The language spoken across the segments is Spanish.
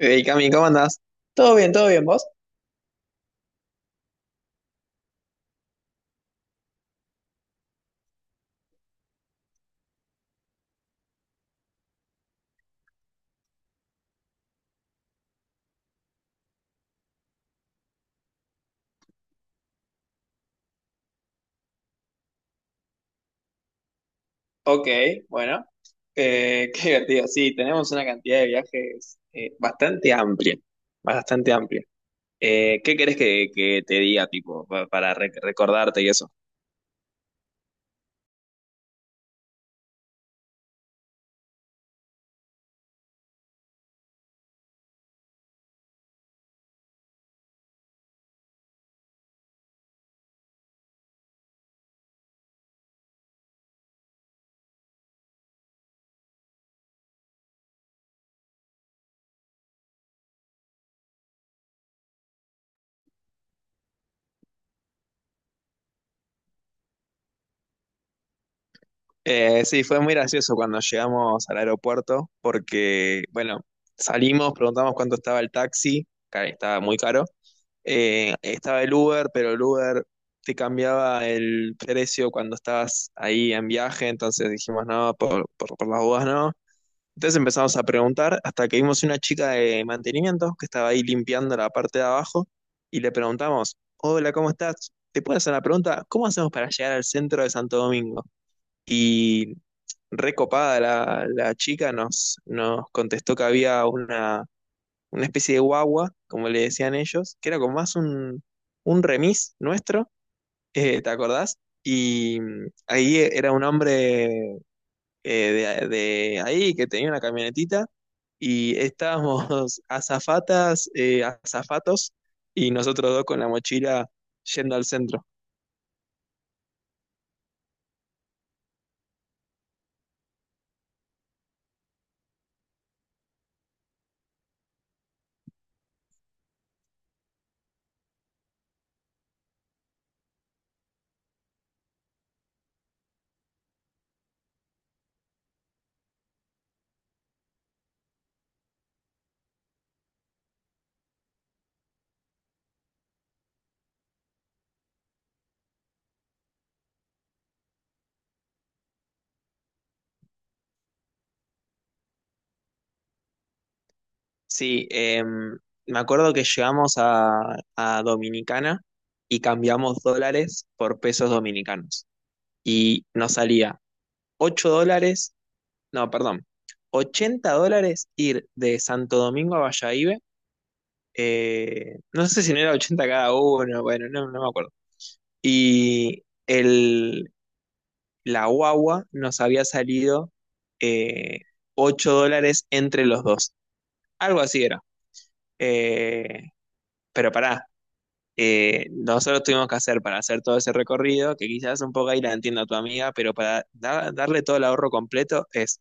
Hey Cami, ¿cómo andás? Todo bien, ¿vos? Ok, bueno, qué divertido. Sí, tenemos una cantidad de viajes bastante amplia, bastante amplia. ¿Qué querés que te diga, tipo, para recordarte y eso? Sí, fue muy gracioso cuando llegamos al aeropuerto porque, bueno, salimos, preguntamos cuánto estaba el taxi, que estaba muy caro. Estaba el Uber, pero el Uber te cambiaba el precio cuando estabas ahí en viaje, entonces dijimos no, por las dudas no. Entonces empezamos a preguntar hasta que vimos una chica de mantenimiento que estaba ahí limpiando la parte de abajo y le preguntamos, hola, ¿cómo estás? ¿Te puedo hacer una pregunta? ¿Cómo hacemos para llegar al centro de Santo Domingo? Y recopada la chica nos contestó que había una especie de guagua, como le decían ellos, que era como más un remis nuestro, ¿te acordás? Y ahí era un hombre de ahí que tenía una camionetita y estábamos azafatas, azafatos y nosotros dos con la mochila yendo al centro. Sí, me acuerdo que llegamos a Dominicana y cambiamos dólares por pesos dominicanos. Y nos salía $8, no, perdón, $80 ir de Santo Domingo a Bayahibe. Eh, no sé si no era 80 cada uno, bueno, no, no me acuerdo. Y el, la guagua nos había salido eh, $8 entre los dos. Algo así era. Eh, pero pará. Nosotros tuvimos que hacer para hacer todo ese recorrido, que quizás un poco ahí la entiendo a tu amiga, pero para darle todo el ahorro completo es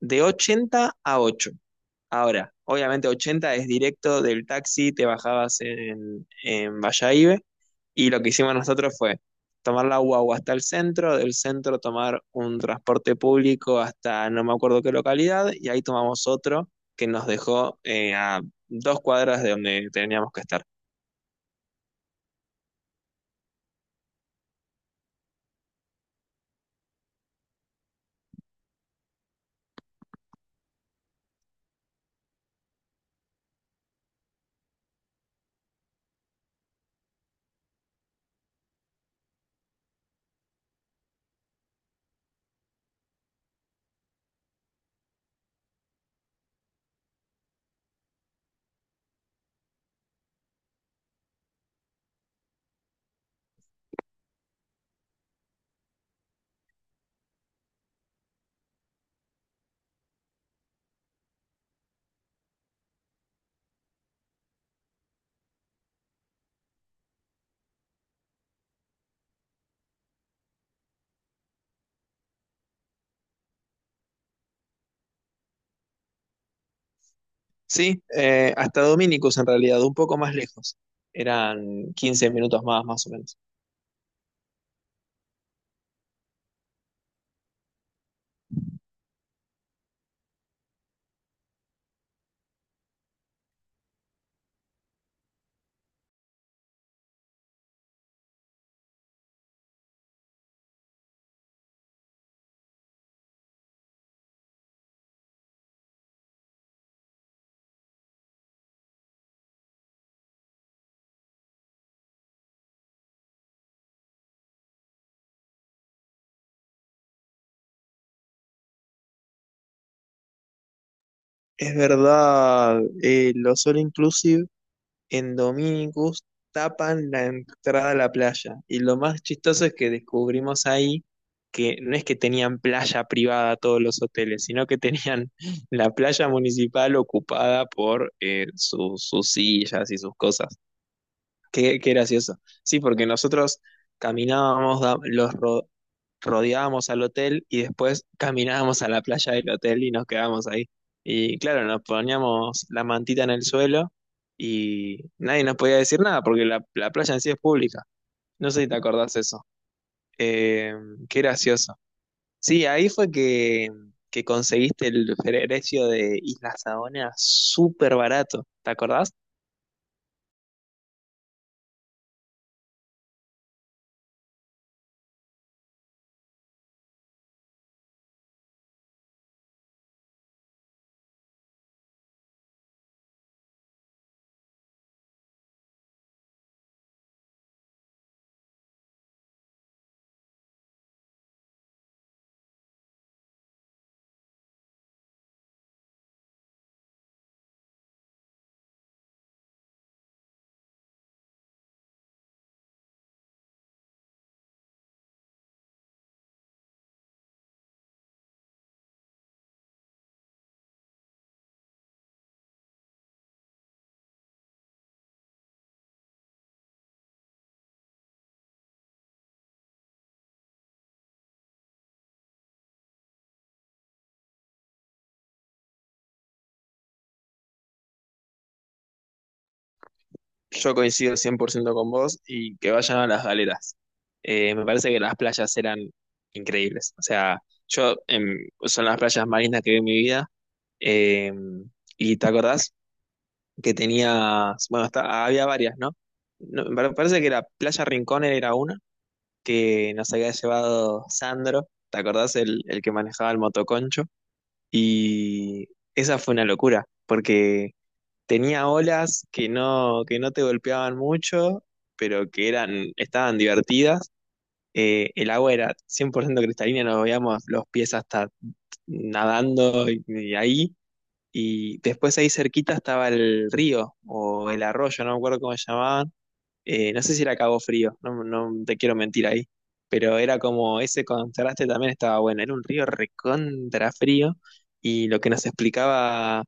de 80 a 8. Ahora, obviamente 80 es directo del taxi, te bajabas en Vallaibe, y lo que hicimos nosotros fue tomar la guagua hasta el centro, del centro tomar un transporte público hasta no me acuerdo qué localidad, y ahí tomamos otro que nos dejó a 2 cuadras de donde teníamos que estar. Sí, hasta Dominicus en realidad, un poco más lejos. Eran 15 minutos más, más o menos. Es verdad, los All Inclusive en Dominicus tapan la entrada a la playa. Y lo más chistoso es que descubrimos ahí que no es que tenían playa privada todos los hoteles, sino que tenían la playa municipal ocupada por sus sillas y sus cosas. Qué, qué gracioso. Sí, porque nosotros caminábamos, rodeábamos al hotel y después caminábamos a la playa del hotel y nos quedábamos ahí. Y claro, nos poníamos la mantita en el suelo y nadie nos podía decir nada porque la playa en sí es pública. No sé si te acordás eso. Eh, Qué gracioso. Sí, ahí fue que conseguiste el precio de Isla Saona súper barato. ¿Te acordás? Yo coincido 100% con vos y que vayan a las galeras. Me parece que las playas eran increíbles. O sea, yo son las playas marinas que vi en mi vida. Eh, y te acordás que tenías, bueno, había varias, ¿no? No, me parece que la Playa Rincón era una que nos había llevado Sandro. ¿Te acordás el que manejaba el motoconcho? Y esa fue una locura, porque tenía olas que no te golpeaban mucho, pero que eran, estaban divertidas. El agua era 100% cristalina, nos veíamos los pies hasta nadando y ahí. Y después ahí cerquita estaba el río o el arroyo, no me acuerdo cómo se llamaban. No sé si era Cabo Frío, no te quiero mentir ahí. Pero era como ese contraste también estaba bueno. Era un río recontra frío y lo que nos explicaba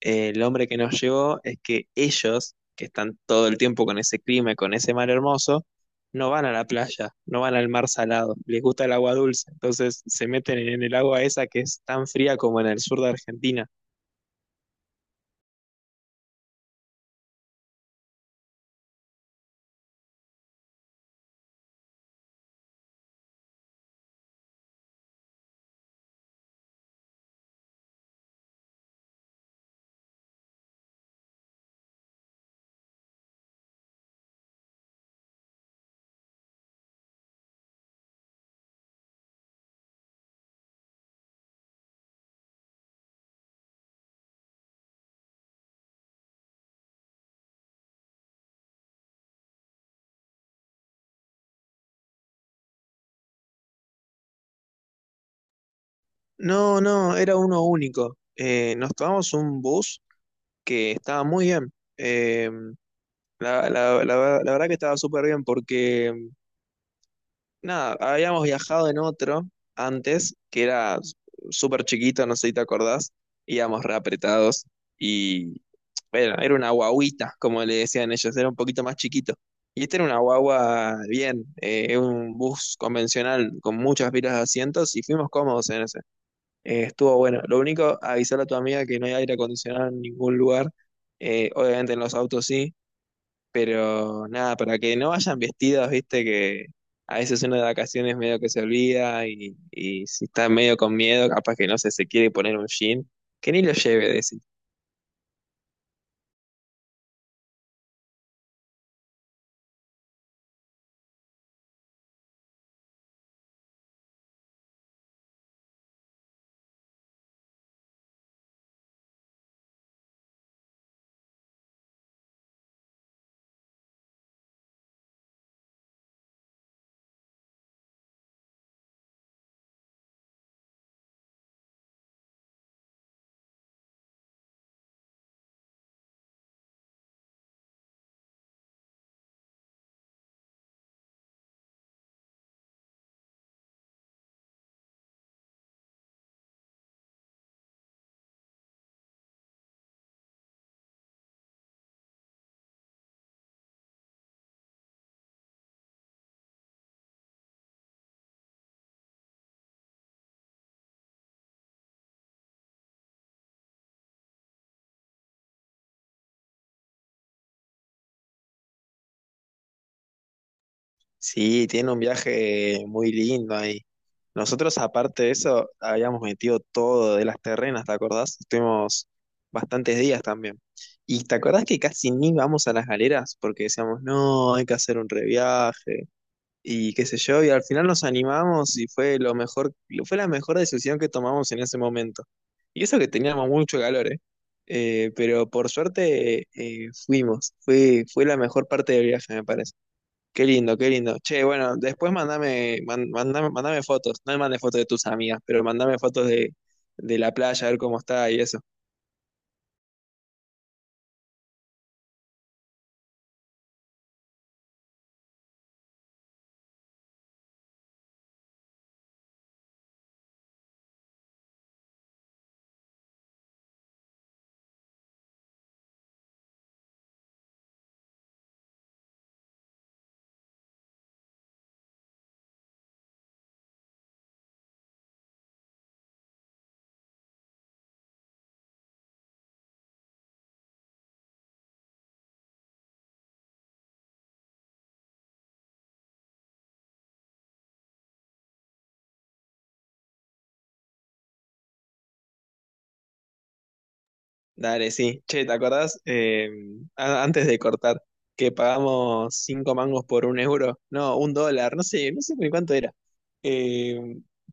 el hombre que nos llevó es que ellos, que están todo el tiempo con ese clima y con ese mar hermoso, no van a la playa, no van al mar salado, les gusta el agua dulce, entonces se meten en el agua esa que es tan fría como en el sur de Argentina. No, no, era uno único. Nos tomamos un bus que estaba muy bien. Eh, la verdad que estaba súper bien porque nada, habíamos viajado en otro antes, que era súper chiquito, no sé si te acordás, íbamos reapretados y bueno, era una guaguita, como le decían ellos, era un poquito más chiquito. Y este era una guagua bien, es un bus convencional con muchas filas de asientos y fuimos cómodos en ese. Estuvo bueno. Lo único, avisarle a tu amiga que no hay aire acondicionado en ningún lugar. Obviamente en los autos sí, pero nada, para que no vayan vestidos, viste que a veces uno de vacaciones medio que se olvida y si está medio con miedo, capaz que no sé, se quiere poner un jean, que ni lo lleve, decir. Sí, sí, tiene un viaje muy lindo ahí. Nosotros, aparte de eso, habíamos metido todo de las terrenas, ¿te acordás? Estuvimos bastantes días también. ¿Y te acordás que casi ni vamos a las galeras? Porque decíamos, no, hay que hacer un reviaje. Y qué sé yo, y al final nos animamos y fue lo mejor, fue la mejor decisión que tomamos en ese momento. Y eso que teníamos mucho calor, ¿eh? Pero por suerte fuimos, fue la mejor parte del viaje, me parece. Qué lindo, qué lindo. Che, bueno, después mandame, mandame, mandame fotos, no me mandes fotos de tus amigas, pero mandame fotos de la playa, a ver cómo está y eso. Dale, sí. Che, ¿te acordás? Antes de cortar, que pagamos cinco mangos por un euro. No, un dólar, no sé, no sé ni cuánto era. Eh,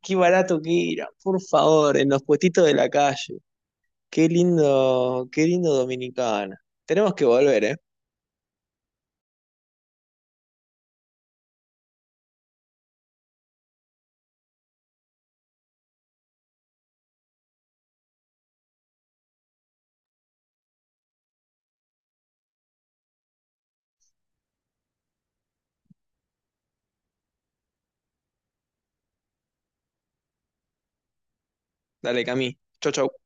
Qué barato que era, por favor, en los puestitos de la calle. Qué lindo Dominicana. Tenemos que volver, ¿eh? Dale, Cami. Chau, chau.